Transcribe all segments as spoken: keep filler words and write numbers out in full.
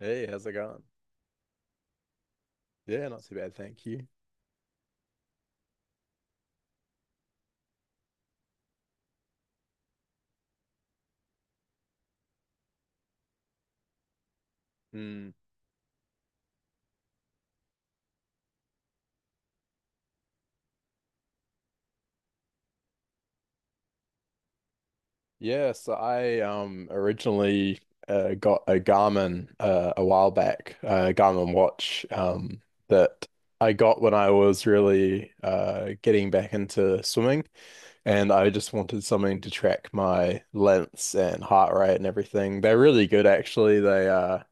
Hey, how's it going? Yeah, not too bad, thank you. Mm. Yeah, so I um originally uh, got a Garmin, uh, a while back, a Garmin watch um that I got when I was really uh getting back into swimming, and I just wanted something to track my lengths and heart rate and everything. They're really good actually. They uh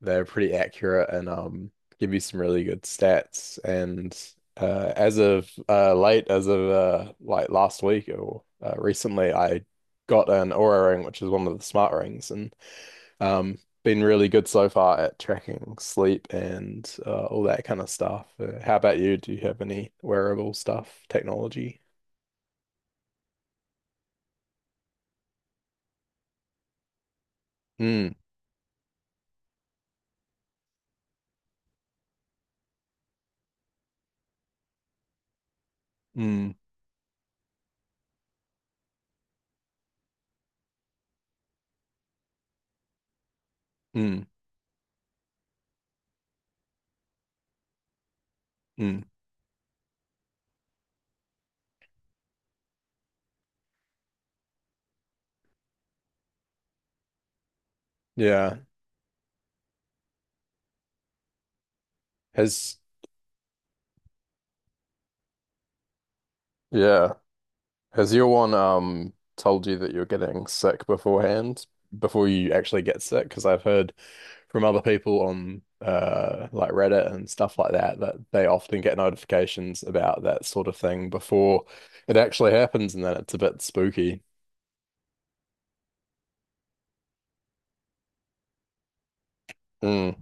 they're pretty accurate and um give you some really good stats. And uh, as of uh, late, as of uh, like last week or uh, recently, I got an Oura ring, which is one of the smart rings, and um been really good so far at tracking sleep and uh, all that kind of stuff. Uh, how about you? Do you have any wearable stuff, technology? Mm, mm, mm, mm. Yeah. Has yeah. Has your one um told you that you're getting sick beforehand before you actually get sick? Because I've heard from other people on uh like Reddit and stuff like that that they often get notifications about that sort of thing before it actually happens, and then it's a bit spooky. Mm,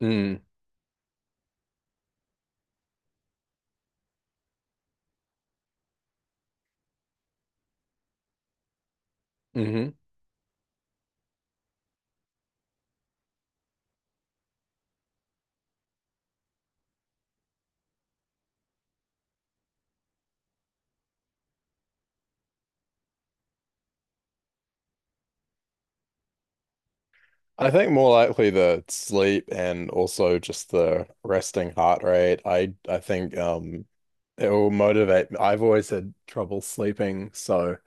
mm, hmm. I think more likely the sleep and also just the resting heart rate. I I think um it will motivate. I've always had trouble sleeping, so.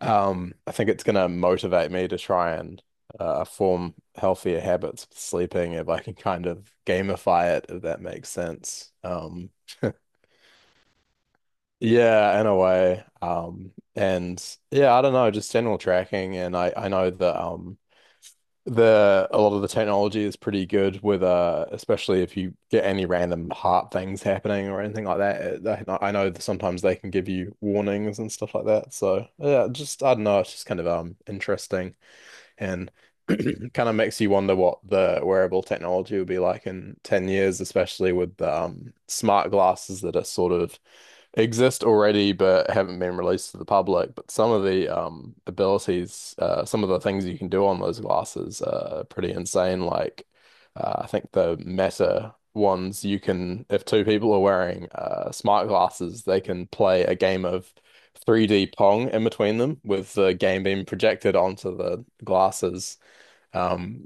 Um, I think it's going to motivate me to try and uh, form healthier habits with sleeping if I can kind of gamify it, if that makes sense. Um, yeah, in a way. Um, and yeah, I don't know, just general tracking. And I, I know that um, the a lot of the technology is pretty good with uh, especially if you get any random heart things happening or anything like that. It, they- I know that sometimes they can give you warnings and stuff like that. So yeah, just I don't know, it's just kind of um interesting. And kind of makes you wonder what the wearable technology will be like in ten years, especially with um, smart glasses that are sort of exist already but haven't been released to the public. But some of the um abilities, uh, some of the things you can do on those glasses are pretty insane. Like uh, I think the Meta ones, you can if two people are wearing uh smart glasses, they can play a game of three D Pong in between them with the game being projected onto the glasses. Um,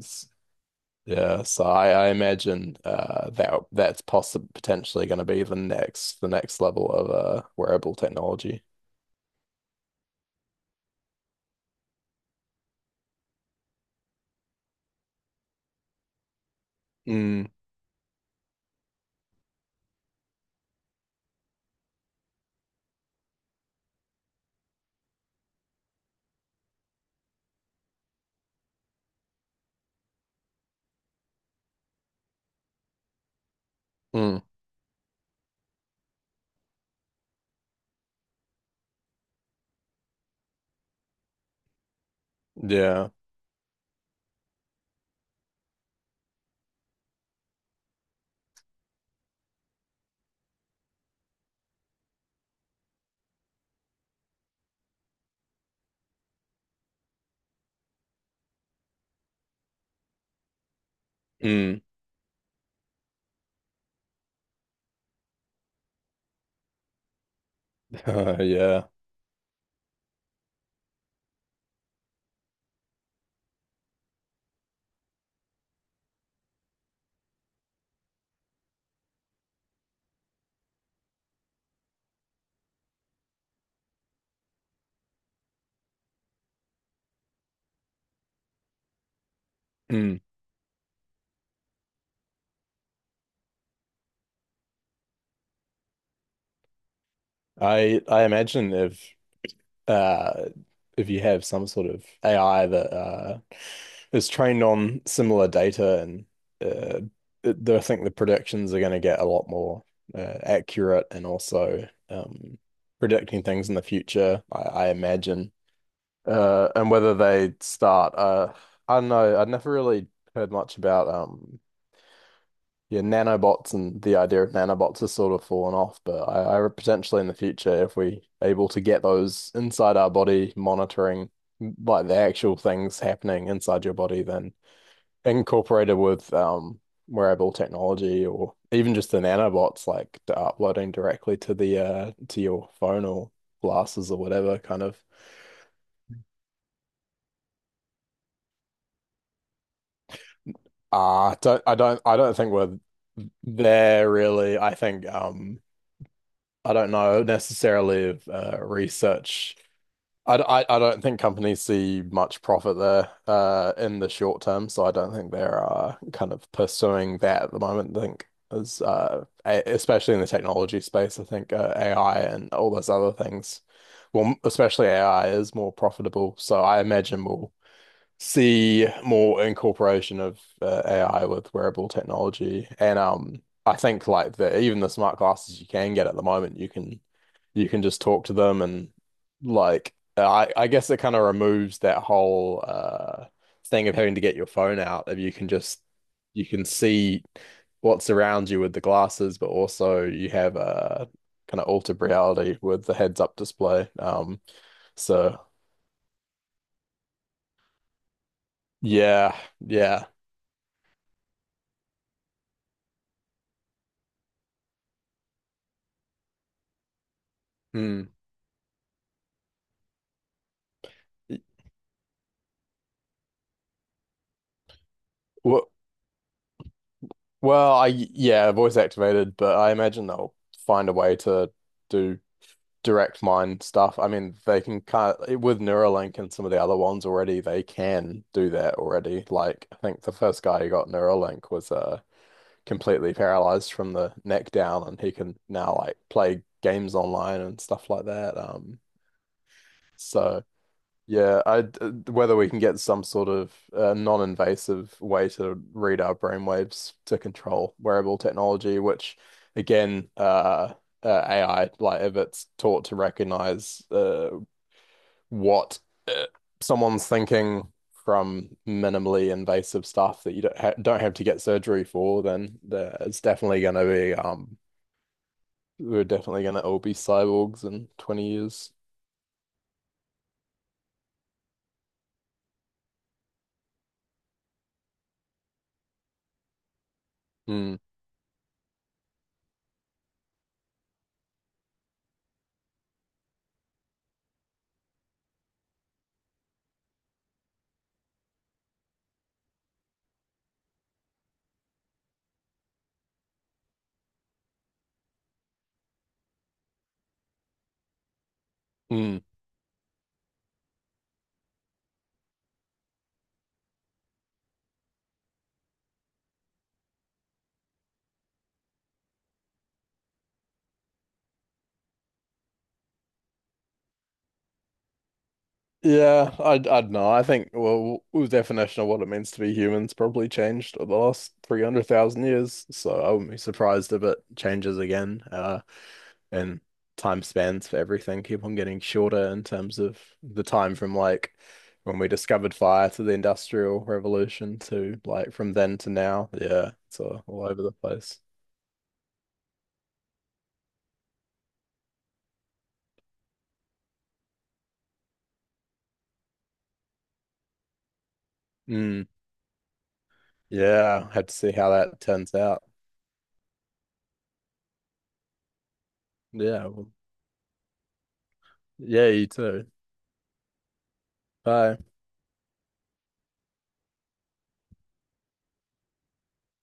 yeah, so I, I imagine uh, that that's possibly potentially going to be the next the next level of uh, wearable technology. Mm, mm, yeah, mm, yeah. Mm. I I imagine if uh, if you have some sort of A I that uh, is trained on similar data and uh, th- th- I think the predictions are going to get a lot more uh, accurate and also um, predicting things in the future, I, I imagine. Uh, and whether they start, uh, I don't know. I never really heard much about um, yeah, nanobots, and the idea of nanobots has sort of fallen off. But I, I potentially in the future, if we are able to get those inside our body, monitoring like the actual things happening inside your body, then incorporated with um, wearable technology or even just the nanobots, like uploading directly to the uh, to your phone or glasses or whatever, kind of. Uh, I don't, I don't I don't think we're there really. I think um I don't know necessarily if uh, research. I, d- I, I don't think companies see much profit there uh in the short term, so I don't think they're uh, kind of pursuing that at the moment. I think is uh a- Especially in the technology space, I think uh, A I and all those other things, well, m- especially A I is more profitable. So I imagine we'll see more incorporation of uh, A I with wearable technology. And um, I think like the even the smart glasses you can get at the moment, you can you can just talk to them, and like I I guess it kind of removes that whole uh thing of having to get your phone out. If you can just you can see what's around you with the glasses, but also you have a kind of altered reality with the heads up display. Um, so yeah, yeah. Hmm. Well, I yeah, voice activated, but I imagine they'll find a way to do direct mind stuff. I mean, they can kind of with Neuralink and some of the other ones already, they can do that already. Like, I think the first guy who got Neuralink was uh completely paralyzed from the neck down, and he can now like play games online and stuff like that. Um, so yeah, I uh, whether we can get some sort of uh, non-invasive way to read our brainwaves to control wearable technology, which again, uh, uh, A I, like if it's taught to recognize uh, what someone's thinking from minimally invasive stuff that you don't ha don't have to get surgery for, then there, it's definitely going to be um, we're definitely going to all be cyborgs in twenty years. Mm. Mm. Yeah, I I don't know. I think well, the definition of what it means to be human's probably changed over the last three hundred thousand years, so I wouldn't be surprised if it changes again. Uh, and time spans for everything keep on getting shorter in terms of the time from like when we discovered fire to the Industrial Revolution to like from then to now. Yeah, it's uh, all over the place. Mm, yeah, have to see how that turns out. Yeah, well, yeah, you too. Bye.